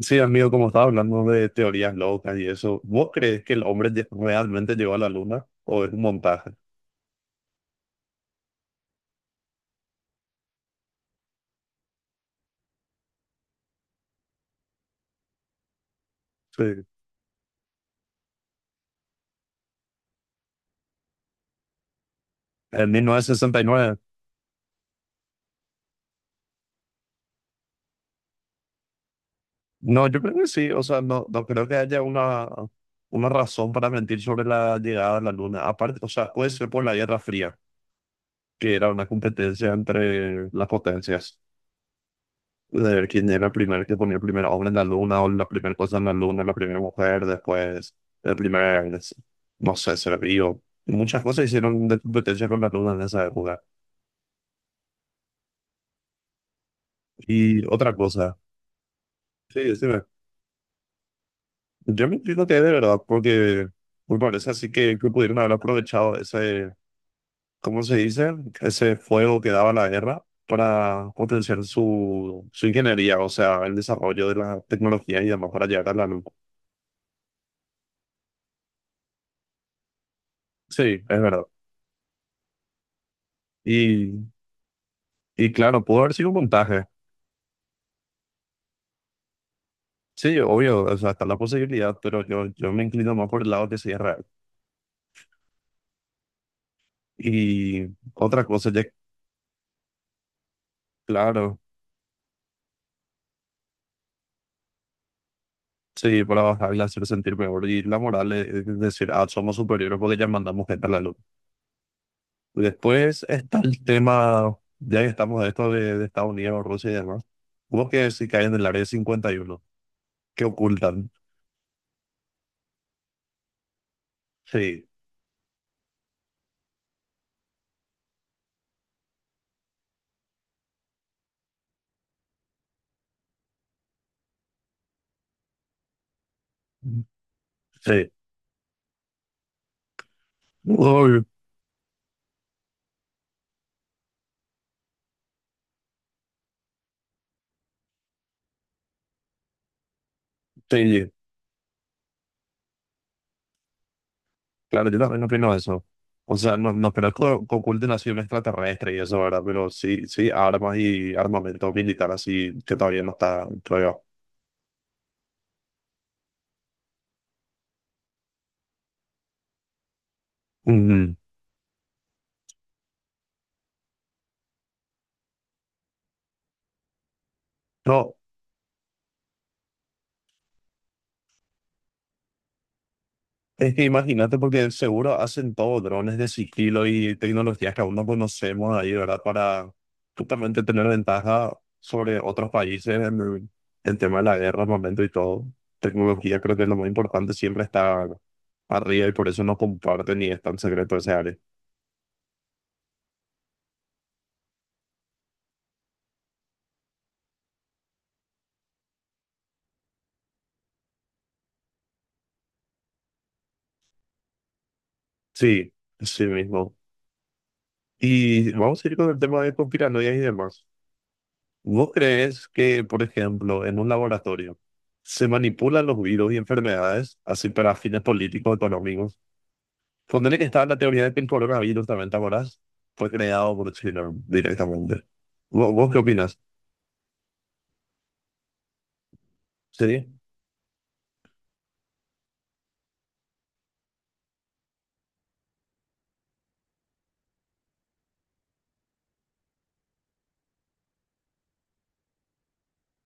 Sí, amigo, como estaba hablando de teorías locas y eso, ¿vos crees que realmente llegó a la luna o es un montaje? Sí. En 1969. No, yo creo que sí, o sea, no creo que haya una razón para mentir sobre la llegada a la luna. Aparte, o sea, puede ser por la Guerra Fría, que era una competencia entre las potencias. De ver quién era el primer que ponía el primer hombre en la luna o la primera cosa en la luna, la primera mujer, después el primer, es- no sé, ser vivo. Muchas cosas hicieron de competencia con la luna en esa época. Y otra cosa, sí, decime, yo me entiendo que es de verdad, porque me parece así que pudieron haber aprovechado ese, ¿cómo se dice? Ese fuego que daba la guerra para potenciar su ingeniería, o sea, el desarrollo de la tecnología y demás para llegar a la luna. Sí, es verdad. Y Y claro, pudo haber sido un montaje. Sí, obvio, o sea, está la posibilidad, pero yo me inclino más por el lado que sea real. Y otra cosa, ya, claro, sí, para bajarle, hacer sentir mejor. Y la moral es decir, ah, somos superiores porque ya mandamos gente a la luz. Después está el tema, ya que estamos de esto de Estados Unidos, Rusia y demás. Hubo que si caen en el área 51 que ocultan. Sí, sí. Uy, sí. Claro, yo también opino eso. O sea, no creo que oculten así un extraterrestre y eso, ¿verdad? Pero sí, sí, armas y armamento militar así que todavía no está, creo yo. Mm. No, es que imagínate porque seguro hacen todo drones de sigilo y tecnologías que aún no conocemos ahí, ¿verdad? Para justamente tener ventaja sobre otros países en el tema de la guerra, armamento y todo. Tecnología creo que es lo más importante, siempre está arriba y por eso no comparten y es tan secreto ese área. Sí, sí mismo. Y vamos a ir con el tema de conspiranoias y demás. ¿Vos crees que, por ejemplo, en un laboratorio se manipulan los virus y enfermedades así para fines políticos o económicos? Ponerle que estaba la teoría de que el coronavirus también, ¿te acordás? Fue creado por China directamente. ¿Vos qué opinas? Sí,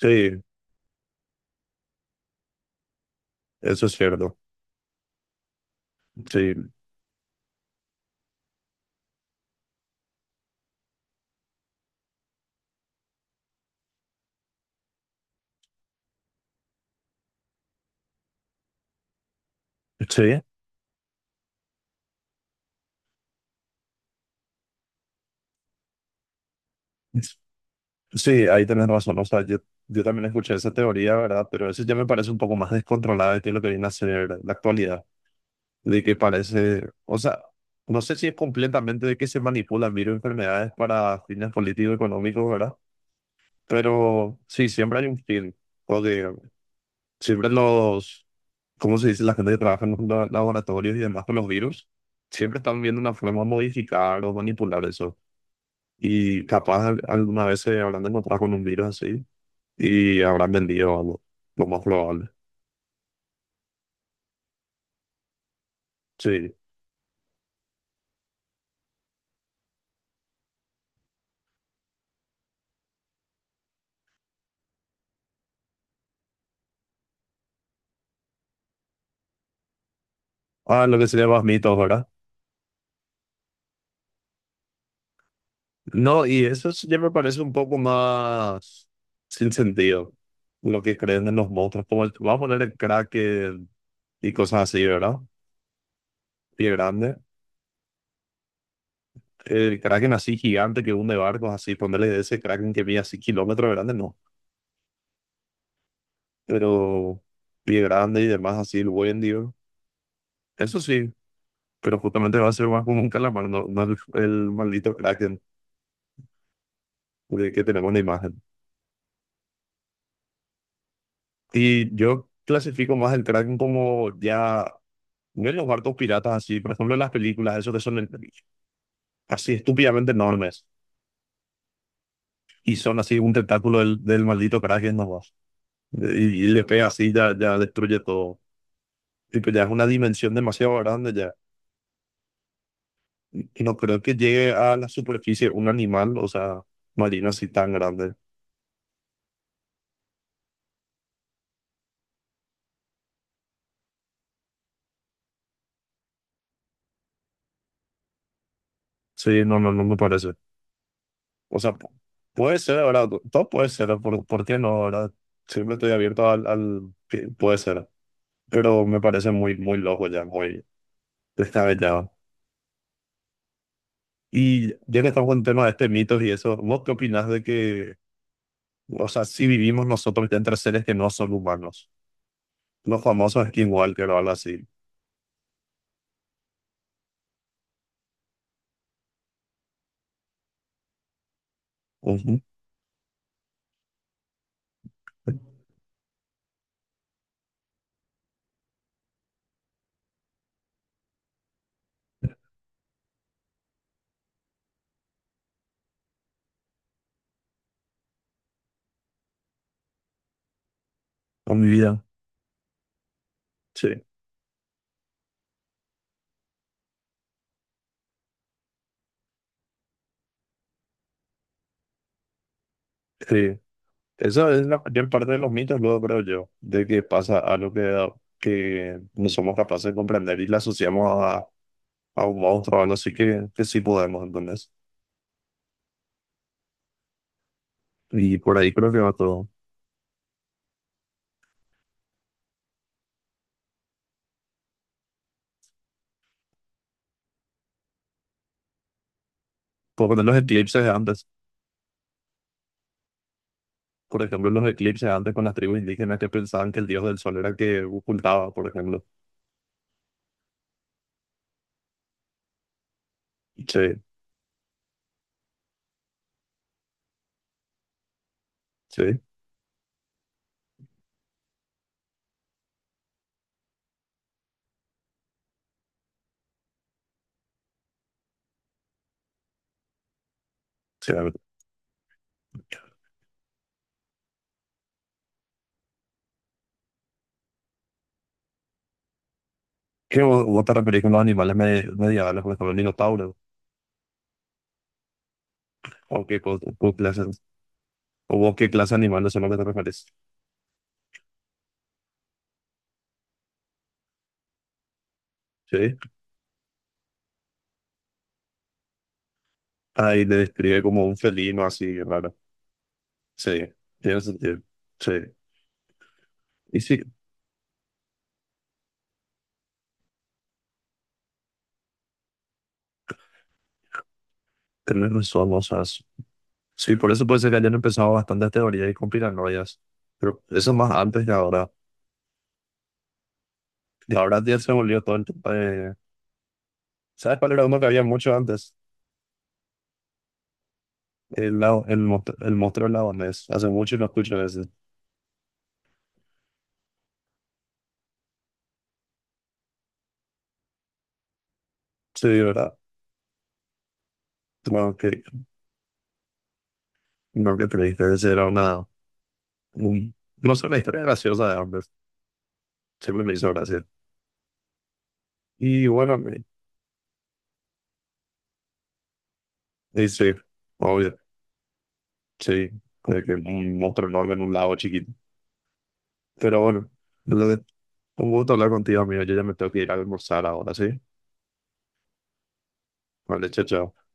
sí, eso es cierto. Sí, sí. Sí, ahí tenés razón. O sea, yo también escuché esa teoría, ¿verdad? Pero eso ya me parece un poco más descontrolada de que lo que viene a ser la actualidad. De que parece, o sea, no sé si es completamente de que se manipulan virus enfermedades para fines políticos económicos, ¿verdad? Pero sí, siempre hay un fin, porque siempre los, ¿cómo se dice? La gente que trabaja en los laboratorios y demás con los virus, siempre están viendo una forma de modificar o manipular eso. Y capaz alguna vez se habrán encontrado con un virus así y habrán vendido algo, lo más probable. Sí. Ah, lo que sería más mitos, ¿verdad? No, y ya me parece un poco más sin sentido, lo que creen en los monstruos. Como vamos a poner el Kraken y cosas así, ¿verdad? Pie grande. El Kraken así gigante que hunde barcos, así, ponerle ese Kraken que mide así kilómetros de grande, no. Pero pie grande y demás, así, el buen dios. Eso sí, pero justamente va a ser más como un calamar, no, no el maldito Kraken de que tenemos en la imagen. Y yo clasifico más el Kraken como ya yo los barcos piratas así, por ejemplo, en las películas, esos que son así estúpidamente enormes y son así un tentáculo del maldito Kraken nomás. Y le pega así, ya destruye todo. Tipo, ya es una dimensión demasiado grande ya. Y no creo que llegue a la superficie un animal, o sea, marino así tan grande. Sí, no me parece. O sea, puede ser, ¿verdad? Todo puede ser, por qué no, verdad? Siempre estoy abierto al, al... Que puede ser, pero me parece muy loco ya, muy descabellado. Y ya que estamos con el tema de este mitos y eso, ¿vos qué opinás de que, o sea, si vivimos nosotros ya entre seres que no son humanos? Los famosos skinwalker o algo así. Ujú. Con mi vida. Sí, sí. Esa es la mayor parte de los mitos, luego creo yo, de que pasa algo que no somos capaces de comprender y la asociamos a un monstruo o algo así que sí podemos, entonces. Y por ahí creo que va todo. Por poner los eclipses de antes. Por ejemplo, los eclipses antes con las tribus indígenas que pensaban que el dios del sol era el que ocultaba, por ejemplo. Sí, sí, sí, a ver. ¿Vos te referís con los animales medievales, por ejemplo, el minotauro? ¿O qué, clase, o vos qué clase de animales son los que te referís? Sí. Ahí le describe como un felino así, raro. Sí, tiene sentido. Sí. Y sí, tenés razón, o sea, sí, por eso puede ser que hayan empezado bastantes teorías y conspiranoias. Pero eso más antes de ahora. Y ahora ya se volvió todo el tema de ¿sabes cuál era uno que había mucho antes? El, el mostró laonés. Hace mucho no escucho ese. Sí, ¿verdad? Bueno, que no que creíste, ese era una, no sé, una historia graciosa de Amber. Siempre me hizo gracia. Y bueno, y sí, obvio, sí. De que un monstruo enorme en un lago chiquito. Pero bueno, lo de- un gusto hablar contigo, amigo. Yo ya me tengo que ir a almorzar ahora, ¿sí? Vale, chao, chao.